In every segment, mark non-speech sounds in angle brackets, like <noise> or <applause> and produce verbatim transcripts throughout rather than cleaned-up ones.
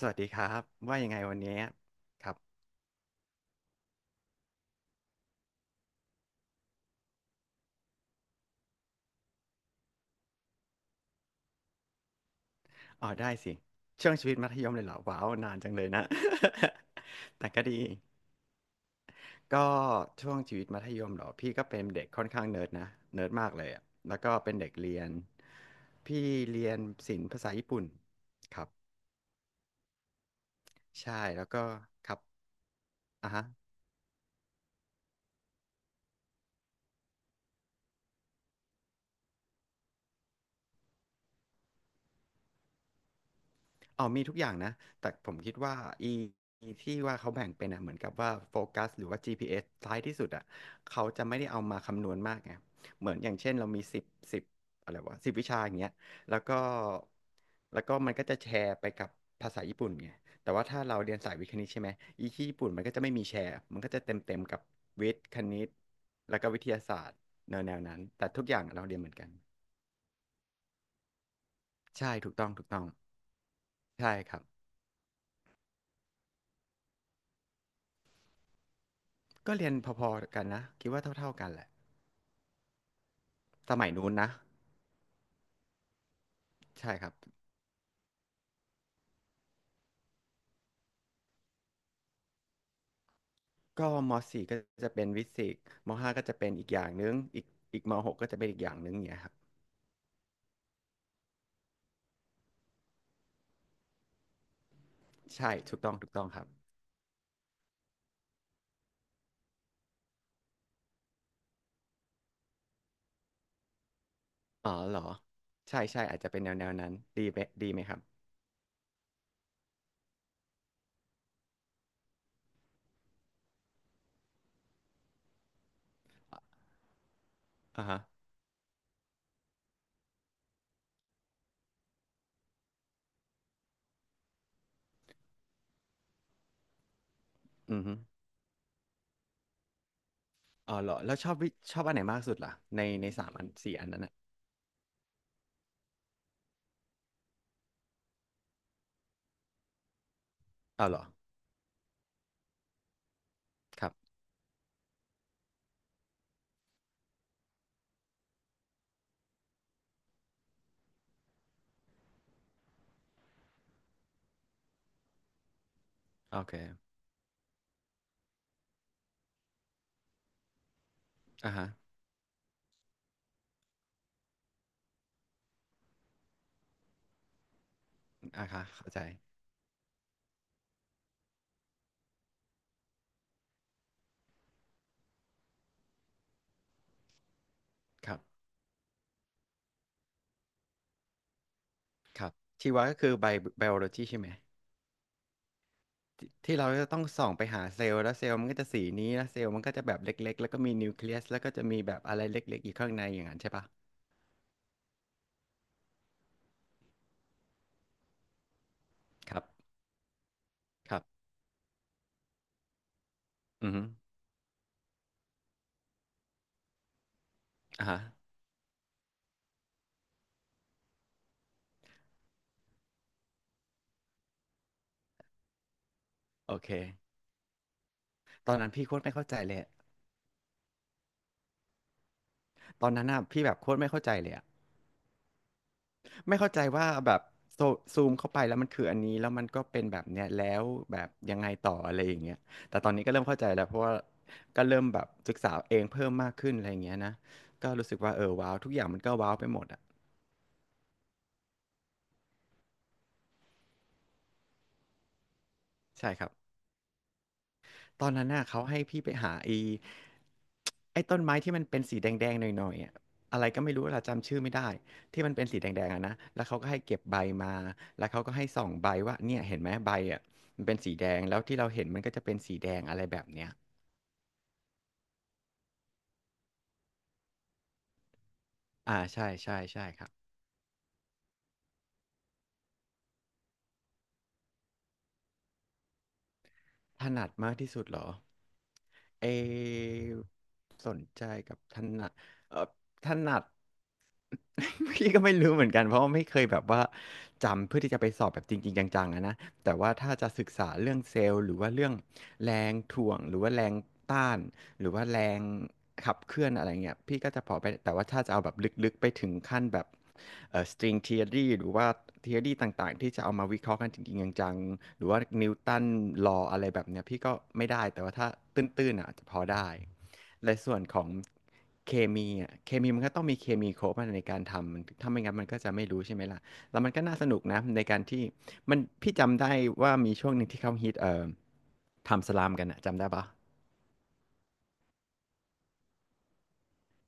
สวัสดีครับว่ายังไงวันนี้ครับอ๋อได้สิช่วงชีวิตมัธยมเลยเหรอว้าวนานจังเลยนะ <laughs> แต่ก็ดีก็ช่วงชีวิตมัธยมเหรอพี่ก็เป็นเด็กค่อนข้างเนิร์ดนะเนิร์ดมากเลยอะแล้วก็เป็นเด็กเรียนพี่เรียนศิลป์ภาษาญี่ปุ่นครับใช่แล้วก็ครับอ่ะฮะ อ๋อมีทุกอย่างนะแต่ผมคิดว่าอีอีที่ว่าเขาแบ่งเป็นอ่ะเหมือนกับว่าโฟกัสหรือว่า จี พี เอส ท้ายที่สุดอ่ะเขาจะไม่ได้เอามาคำนวณมากไงเหมือนอย่างเช่นเรามีสิบสิบอะไรวะสิบวิชาอย่างเงี้ยแล้วก็แล้วก็มันก็จะแชร์ไปกับภาษาญี่ปุ่นไงแต่ว่าถ้าเราเรียนสายวิทย์คณิตใช่ไหมอีที่ญี่ปุ่นมันก็จะไม่มีแชร์มันก็จะเต็มเต็มกับวิทย์คณิตแล้วก็วิทยาศาสตร์แนวแนวนั้นแต่ทุกอย่างเราเรียนเหมือนกันใช่ถูกต้องถูกต้องใช่ครับ ก็เรียนพอๆกันนะคิดว่าเท่าๆกันแหละสมัยนู้นนะใช่ครับก็มสี่ก็จะเป็นวิสิกส์มห้าก็จะเป็นอีกอย่างนึงอีกอีกมหกก็จะเป็นอีกอย่างนึงอย่างเงี้ยครับใช่ถูกต้องถูกต้องครับอ๋อเหรอใช่ใช่อาจจะเป็นแนวแนวนั้นดีไหมดีไหมครับอ่าฮะอือฮึอ๋อเหรอแล้วชอบวิชอบอันไหนมากสุดล่ะในในสามอันสี่อันนั้นอ่ะอ๋อเหรอครับโอเคอ่าฮะอ่าค่ะเข้าใจครับครับชีวะก็คือไบไบโอโลจีใช่ไหม ที่ที่เราจะต้องส่องไปหาเซลล์แล้วเซลล์มันก็จะสีนี้แล้วเซลล์มันก็จะแบบเล็กๆแล้วก็มีนิวเคลียสแล้วก็จะมีแบบอะไรเล็กๆอยู่ข้างในอย่างนั้นใช่ปะครับครับอือฮึอ่าฮะโอเคตอนนั้นพี่โคตรไม่เข้าใจเลยอะตอนนั้นอ่ะพี่แบบโคตรไม่เข้าใจเลยอะไม่เข้าใจว่าแบบโซซูมเข้าไปแล้วมันคืออันนี้แล้วมันก็เป็นแบบเนี้ยแล้วแบบยังไงต่ออะไรอย่างเงี้ยแต่ตอนนี้ก็เริ่มเข้าใจแล้วเพราะว่าก็เริ่มแบบศึกษาเองเพิ่มมากขึ้นอะไรอย่างเงี้ยนะก็รู้สึกว่าเออว้าวทุกอย่างมันก็ว้าวไปหมดอ่ะใช่ครับ ตอนนั้นน่ะเขาให้พี่ไปหาไอ้ <tsk> ไอ้ต้นไม้ที่มันเป็นสีแดงๆหน่อยๆอะอะไรก็ไม่รู้เราจำชื่อไม่ได้ที่มันเป็นสีแดงๆอะนะแล้วเขาก็ให้เก็บใบมาแล้วเขาก็ให้ส่องใบว่าเนี่ยเห็นไหมใบอ่ะมันเป็นสีแดงแล้วที่เราเห็นมันก็จะเป็นสีแดงอะไรแบบเนี้ยอ่าใช่ใช่ใช่ครับถนัดมากที่สุดเหรอเออสนใจกับถนัดเออถนัด <laughs> พี่ก็ไม่รู้เหมือนกันเพราะว่าไม่เคยแบบว่าจำเพื่อที่จะไปสอบแบบจริงๆจังๆอะนะแต่ว่าถ้าจะศึกษาเรื่องเซลล์หรือว่าเรื่องแรงถ่วงหรือว่าแรงต้าน หรือว่าแรงขับเคลื่อนอะไรเงี้ยพี่ก็จะพอไปแต่ว่าถ้าจะเอาแบบลึกๆไปถึงขั้นแบบเอ่อ string theory หรือว่า theory ต่างๆที่จะเอามาวิเคราะห์กันจริงๆจังๆหรือว่านิวตัน law อะไรแบบเนี้ยพี่ก็ไม่ได้แต่ว่าถ้าตื้นๆอ่ะจะพอได้และส่วนของเคมีอ่ะเคมีมันก็ต้องมีเคมีครบอะในการทำมันถ้าไม่งั้นมันก็จะไม่รู้ใช่ไหมล่ะแล้วมันก็น่าสนุกนะในการที่มันพี่จำได้ว่ามีช่วงหนึ่งที่เขาฮิตเอ่อทำสลามกันอะจำได้ปะ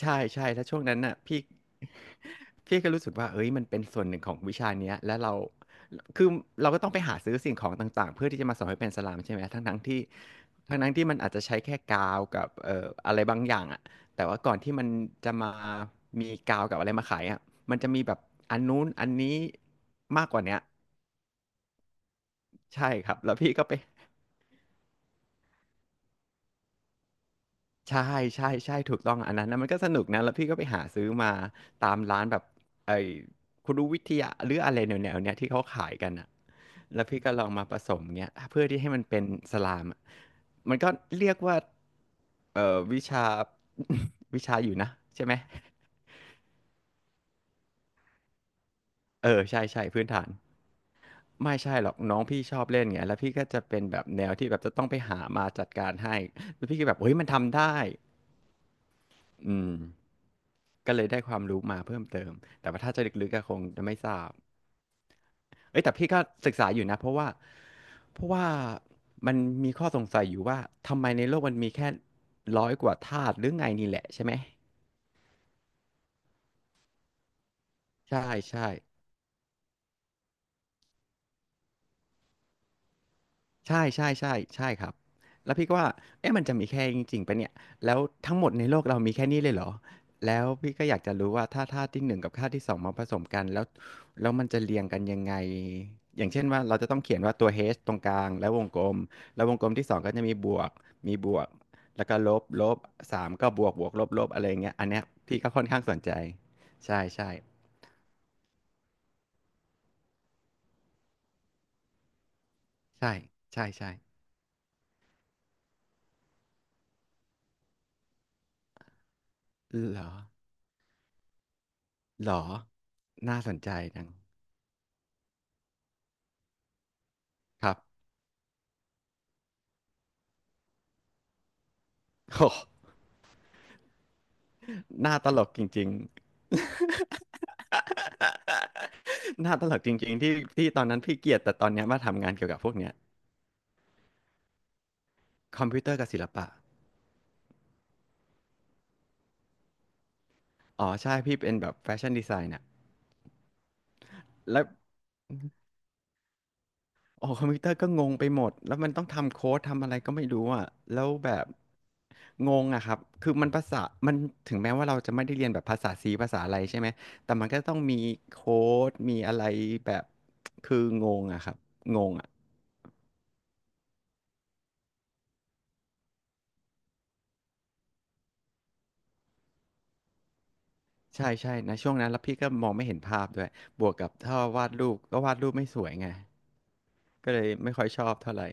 ใช่ใช่แล้วช่วงนั้นน่ะพี่ <laughs> พี่ก็รู้สึกว่าเอ้ยมันเป็นส่วนหนึ่งของวิชาเนี้ยแล้วเราคือเราก็ต้องไปหาซื้อสิ่งของต่างๆเพื่อที่จะมาสอนให้เป็นสลามใช่ไหมทั้งทั้งที่ทั้งทั้งที่มันอาจจะใช้แค่กาวกับเอ่ออะไรบางอย่างอะแต่ว่าก่อนที่มันจะมามีกาวกับอะไรมาขายอะมันจะมีแบบอันนู้นอันนี้มากกว่าเนี้ยใช่ครับแล้วพี่ก็ไป ใช่ใช่ใช่ถูกต้องอันนั้นนะมันก็สนุกนะแล้วพี่ก็ไปหาซื้อมาตามร้านแบบไอ้คุรุวิทยาหรืออะไรแนวๆเนี้ยที่เขาขายกันอ่ะแล้วพี่ก็ลองมาผสมเงี้ยเพื่อที่ให้มันเป็นสลามอะมันก็เรียกว่าเอ่อวิชา <laughs> วิชาอยู่นะใช่ไหมเออใช่ใช่พื้นฐานไม่ใช่หรอกน้องพี่ชอบเล่นไงแล้วพี่ก็จะเป็นแบบแนวที่แบบจะต้องไปหามาจัดการให้แล้วพี่ก็แบบเฮ้ยมันทำได้อืม ก็เลยได้ความรู้มาเพิ่มเติม แต่ว่าถ้าจะลึกๆก็คงจะไม่ทราบ เอ้ยแต่พี่ก็ศึกษาอยู่นะเพราะว่า เพราะว่ามันมีข้อสงสัยอยู่ว่า ทำไมในโลกมันมีแค่ร้อยกว่าธาตุหรือไงนี่แหละใช่ไหม ใช่ใช่ ใช่ใช่ใช่ใช่ครับแล้วพี่ก็ว่าเอ๊ะมันจะมีแค่นี้จริงๆปะเนี่ยแล้วทั้งหมดในโลกเรามีแค่นี้เลยเหรอแล้วพี่ก็อยากจะรู้ว่าถ้าธาตุที่หนึ่งกับธาตุที่สองมาผสมกันแล้วแล้วมันจะเรียงกันยังไงอย่างเช่นว่าเราจะต้องเขียนว่าตัว h ตรงกลางแล้ววงกลมแล้ววงกลมที่สองก็จะมีบวกมีบวกแล้วก็ลบลบสามก็บวกบวกลบลบอะไรอย่างเงี้ยอันเนี้ยพี่ก็ค่อนข้างสนใจใช่ใช่ใช่ใช่ใช่เหรอเหรอน่าสนใจจังครับโอ้ หน้าตลกจริงๆ <laughs> หน้าตลกจริงๆที่ที่ตอนนั้นพี่เกลียดแต่ตอนเนี้ยมาทำงานเกี่ยวกับพวกเนี้ยคอมพิวเตอร์กับศิลปะ อ๋อใช่พี่เป็นแบบแฟชั่นดีไซน์น่ะแล้วโอ้คอมพิวเตอร์ก็งงไปหมดแล้วมันต้องทำโค้ดทำอะไรก็ไม่รู้อ่ะแล้วแบบงงอะครับคือมันภาษามันถึงแม้ว่าเราจะไม่ได้เรียนแบบภาษาซีภาษาอะไรใช่ไหมแต่มันก็ต้องมีโค้ดมีอะไรแบบคืองงอะครับงงอะ ใช่ใช่นะช่วงนั้นแล้วพี่ก็มองไม่เห็นภาพด้วยบวกกับถ้าวาดรูปก็วาดรูปไม่สวยไงก็เลยไม่ค่อยชอบเท่าไหร่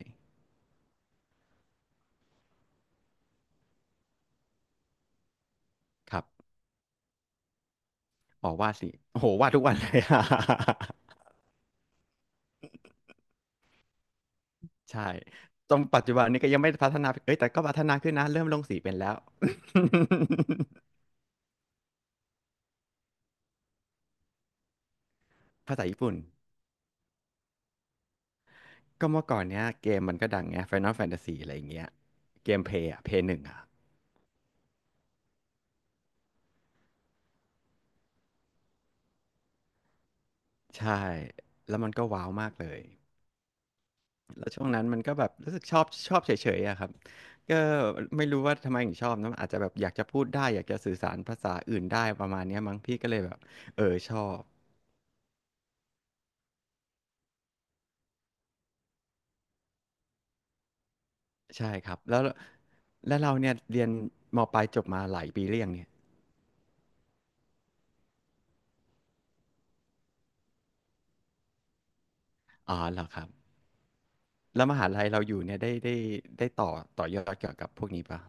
ครับอ๋อวาดสิโอ้โหวาดทุกวันเลย <laughs> ใช่ตรงปัจจุบันนี้ก็ยังไม่ได้พัฒนาเอ้ยแต่ก็พัฒนาขึ้นนะเริ่มลงสีเป็นแล้ว <laughs> ภาษาญี่ปุ่นก็เมื่อก่อนเนี้ยเกมมันก็ดังไง Final Fantasy อะไรอย่างเงี้ยเกมเพย์อะเพย์หนึ่งอะใช่แล้วมันก็ว้าวมากเลย แล้วช่วงนั้นมันก็แบบรู้สึกชอบชอบเฉยๆอะครับก็ไม่รู้ว่าทำไมถึงชอบนะอาจจะแบบอยากจะพูดได้อยากจะสื่อสารภาษาอื่นได้ประมาณเนี้ยมั้งพี่ก็เลยแบบเออชอบใช่ครับแล้วแล้วเราเนี่ยเรียนมปลายจบมาหลายปีเรียงเนี่ยอ๋อเหรอครับแล้วมหาลัยเราอยู่เนี่ยได้ได้ได้ต่อต่อยอดเกี่ยวกับพวกนี้ปะ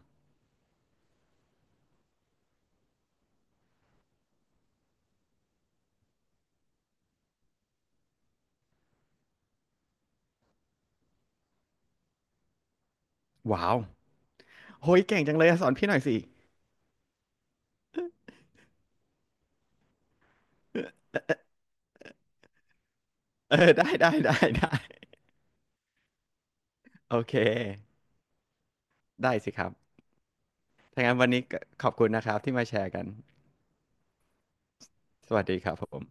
ว้าวโหยเก่งจังเลยอะสอนพี่หน่อยสิเออเออได้ได้ได้ได้โอเคได้สิครับถ้างั้นวันนี้ก็ขอบคุณนะครับที่มาแชร์กัน สวัสดีครับผม